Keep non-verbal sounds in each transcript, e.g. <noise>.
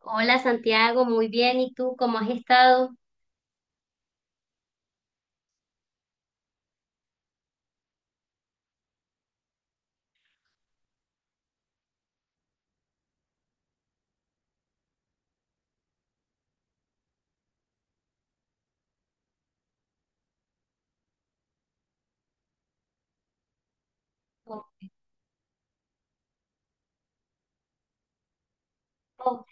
Hola Santiago, muy bien. ¿Y tú cómo has estado? ¿O, o-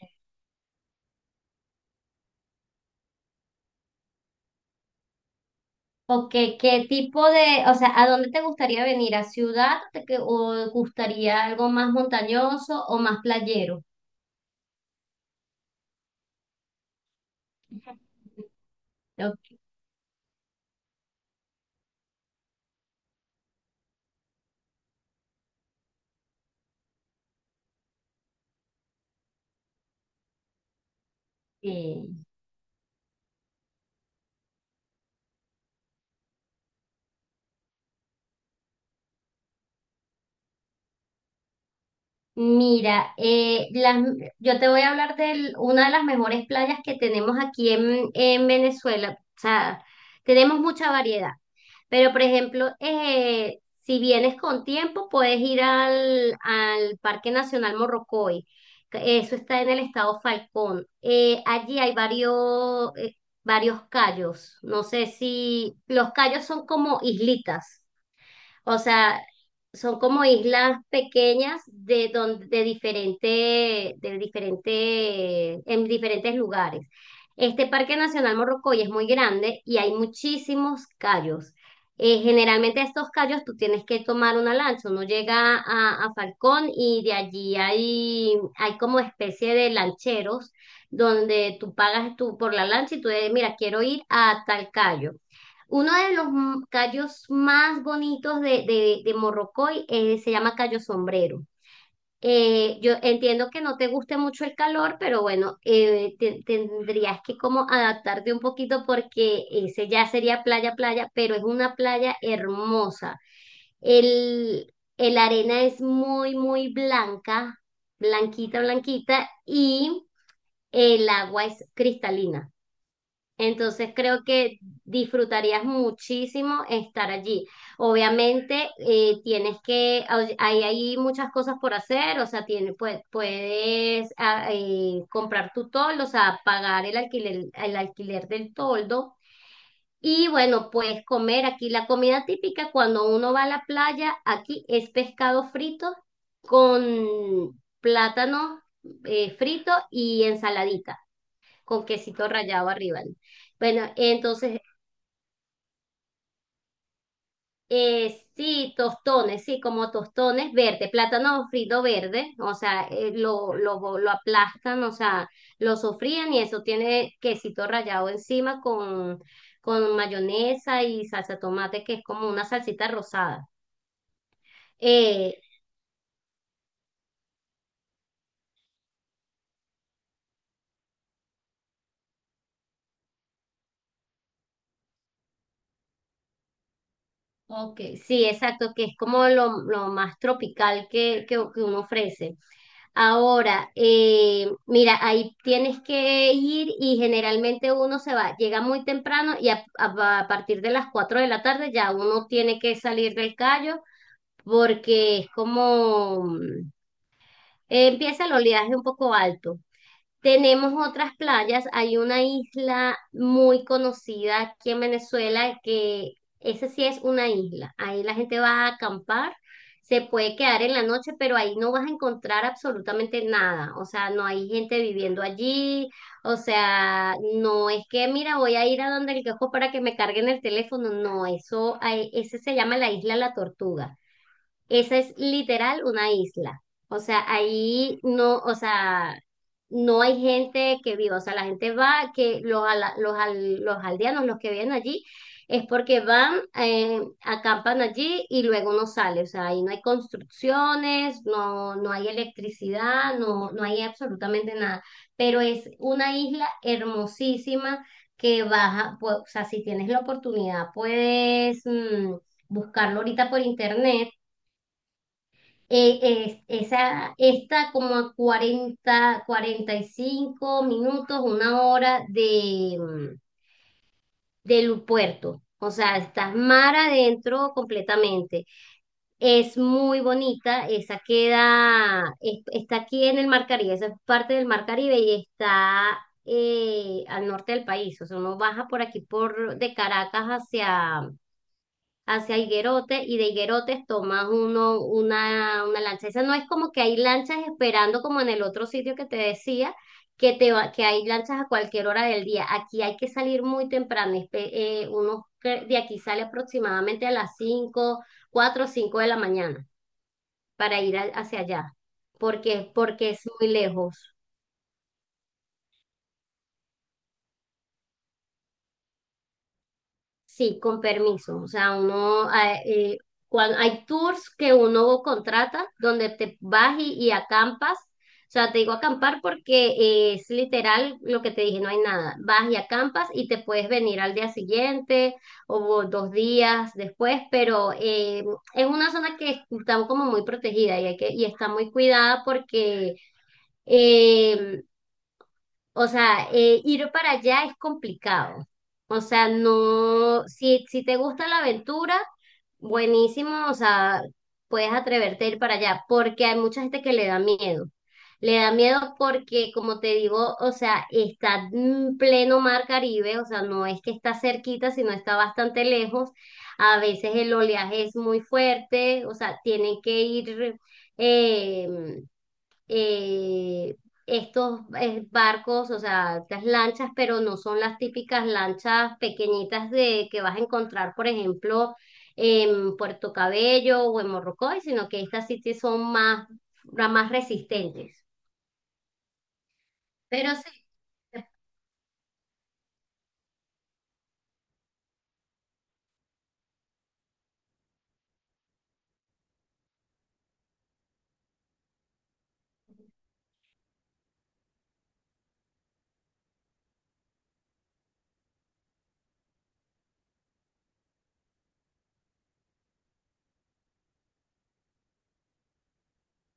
qué tipo de, o sea, ¿a dónde te gustaría venir? ¿A ciudad o te gustaría algo más montañoso o más playero? <laughs> Ok. Mira, yo te voy a hablar de una de las mejores playas que tenemos aquí en Venezuela. O sea, tenemos mucha variedad. Pero, por ejemplo, si vienes con tiempo, puedes ir al Parque Nacional Morrocoy. Que Eso está en el estado Falcón. Allí hay varios cayos. No sé si los cayos son como islitas. O sea, son como islas pequeñas de donde de diferente, en diferentes lugares. Este Parque Nacional Morrocoy es muy grande y hay muchísimos callos. Generalmente estos callos tú tienes que tomar una lancha, uno llega a Falcón y de allí hay como especie de lancheros donde tú pagas tú por la lancha y tú dices, mira, quiero ir a tal callo. Uno de los callos más bonitos de Morrocoy se llama callo sombrero. Yo entiendo que no te guste mucho el calor, pero bueno, tendrías que como adaptarte un poquito porque ese ya sería playa, playa, pero es una playa hermosa. El arena es muy, muy blanca, blanquita, blanquita, y el agua es cristalina. Entonces creo que disfrutarías muchísimo estar allí. Obviamente hay muchas cosas por hacer, o sea, puedes comprar tu toldo, o sea, pagar el alquiler del toldo. Y bueno, puedes comer aquí la comida típica cuando uno va a la playa, aquí es pescado frito con plátano frito y ensaladita con quesito rallado arriba, ¿no? Bueno, entonces, sí, tostones, sí, como tostones verde, plátano frito verde, o sea, lo aplastan, o sea, lo sofrían y eso tiene quesito rallado encima con mayonesa y salsa de tomate, que es como una salsita rosada. Eh, ok, sí, exacto, que es como lo más tropical que uno ofrece. Ahora, mira, ahí tienes que ir y generalmente uno se va, llega muy temprano y a partir de las 4 de la tarde ya uno tiene que salir del callo porque es como empieza el oleaje un poco alto. Tenemos otras playas, hay una isla muy conocida aquí en Venezuela que esa sí es una isla. Ahí la gente va a acampar, se puede quedar en la noche, pero ahí no vas a encontrar absolutamente nada. O sea, no hay gente viviendo allí. O sea, no es que, mira, voy a ir a donde el quejo para que me carguen el teléfono. No, eso, ese se llama la isla La Tortuga. Esa es literal una isla. O sea, ahí no, o sea, no hay gente que viva. O sea, la gente va, que los, ala- los, al- los aldeanos, los que viven allí, es porque van, acampan allí y luego no sale. O sea, ahí no hay construcciones, no hay electricidad, no hay absolutamente nada. Pero es una isla hermosísima que baja, pues, o sea, si tienes la oportunidad, puedes buscarlo ahorita por internet. eh, Esa está como a 40 45 minutos, una hora del puerto. O sea, estás mar adentro completamente. Es muy bonita, esa queda, está aquí en el Mar Caribe, esa es parte del Mar Caribe y está al norte del país. O sea, uno baja por aquí por de Caracas hacia Higuerote y de Higuerotes tomas una lancha. Esa no es como que hay lanchas esperando como en el otro sitio que te decía, que hay lanchas a cualquier hora del día. Aquí hay que salir muy temprano. Uno que de aquí sale aproximadamente a las 5 4 o 5 de la mañana para ir hacia allá, porque es muy lejos. Sí, con permiso. O sea, uno, hay tours que uno contrata donde te vas y acampas. O sea, te digo acampar porque es literal lo que te dije, no hay nada. Vas y acampas y te puedes venir al día siguiente o 2 días después, pero es una zona que está como muy protegida y está muy cuidada porque eh, o sea, ir para allá es complicado. O sea, no, si, te gusta la aventura, buenísimo, o sea, puedes atreverte a ir para allá, porque hay mucha gente que le da miedo. Le da miedo porque, como te digo, o sea, está en pleno mar Caribe, o sea, no es que está cerquita, sino está bastante lejos. A veces el oleaje es muy fuerte, o sea, tienen que ir, em, eh, estos barcos, o sea, estas lanchas, pero no son las típicas lanchas pequeñitas de que vas a encontrar, por ejemplo, en Puerto Cabello o en Morrocoy, sino que estas sí que son más, más resistentes. Pero sí,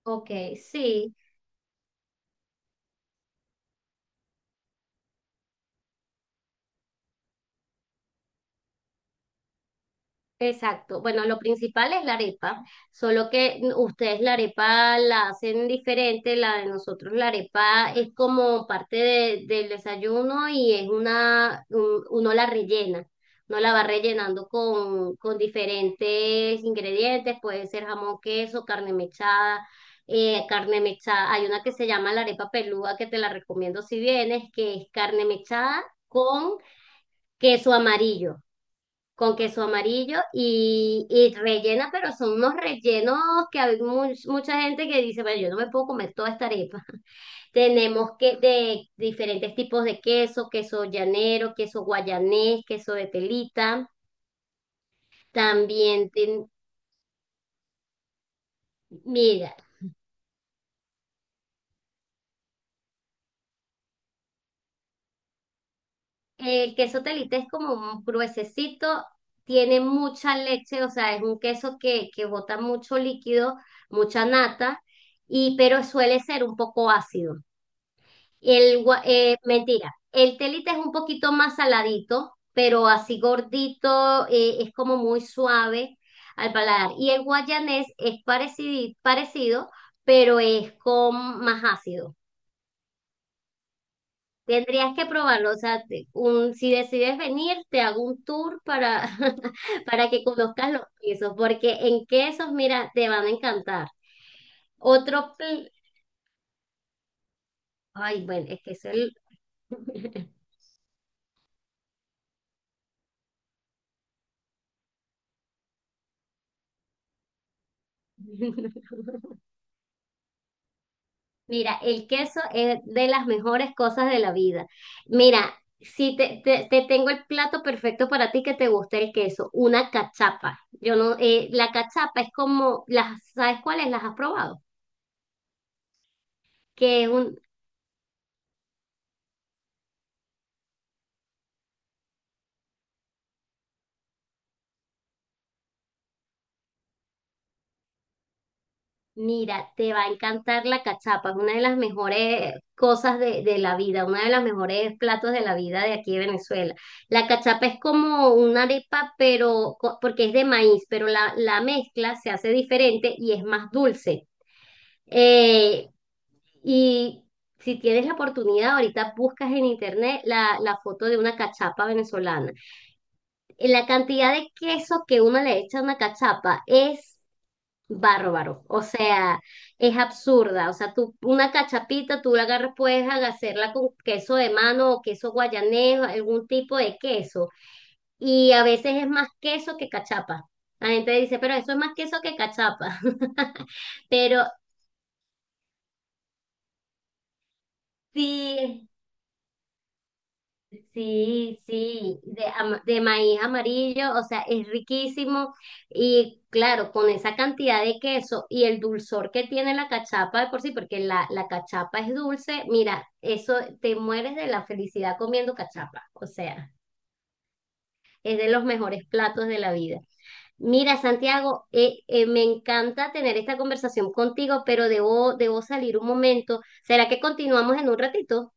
ok, sí. Exacto. Bueno, lo principal es la arepa, solo que ustedes la arepa la hacen diferente, la de nosotros la arepa es como parte del desayuno y es uno la rellena, uno la va rellenando con diferentes ingredientes, puede ser jamón, queso, carne mechada, hay una que se llama la arepa pelúa que te la recomiendo si vienes, que es carne mechada con queso amarillo y rellena, pero son unos rellenos que hay mucha gente que dice, bueno, yo no me puedo comer toda esta arepa. <laughs> Tenemos que de diferentes tipos de queso, queso llanero, queso guayanés, queso de telita. También, mira, el queso telita es como un gruesecito, tiene mucha leche, o sea, es un queso que bota mucho líquido, mucha nata, y pero suele ser un poco ácido. Mentira, el telita es un poquito más saladito, pero así gordito, es como muy suave al paladar. Y el guayanés es parecido, parecido, pero es con más ácido. Tendrías que probarlo, o sea, si decides venir, te hago un tour para, <laughs> para que conozcas los quesos, porque en quesos, mira, te van a encantar. Otro, pl- Ay, bueno, es que es el. <laughs> Mira, el queso es de las mejores cosas de la vida. Mira, si te, te tengo el plato perfecto para ti que te guste el queso, una cachapa. Yo no, la cachapa es como, las, ¿sabes cuáles? ¿Las has probado? Que es un, Mira, te va a encantar la cachapa, es una de las mejores cosas de la vida, una de las mejores platos de la vida de aquí de Venezuela. La cachapa es como una arepa, pero porque es de maíz, pero la mezcla se hace diferente y es más dulce. Eh, y si tienes la oportunidad, ahorita buscas en internet la foto de una cachapa venezolana. La cantidad de queso que uno le echa a una cachapa es bárbaro, o sea, es absurda. O sea, tú, una cachapita, tú la agarras, puedes hacerla con queso de mano o queso guayanés, algún tipo de queso. Y a veces es más queso que cachapa. La gente dice, pero eso es más queso que cachapa. <laughs> Pero sí. Sí, sí, de maíz amarillo, o sea, es riquísimo y claro, con esa cantidad de queso y el dulzor que tiene la cachapa de por sí, porque la cachapa es dulce, mira, eso te mueres de la felicidad comiendo cachapa, o sea, es de los mejores platos de la vida. Mira, Santiago, me encanta tener esta conversación contigo, pero debo salir un momento. ¿Será que continuamos en un ratito?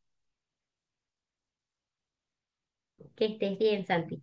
Que estés bien, Santi.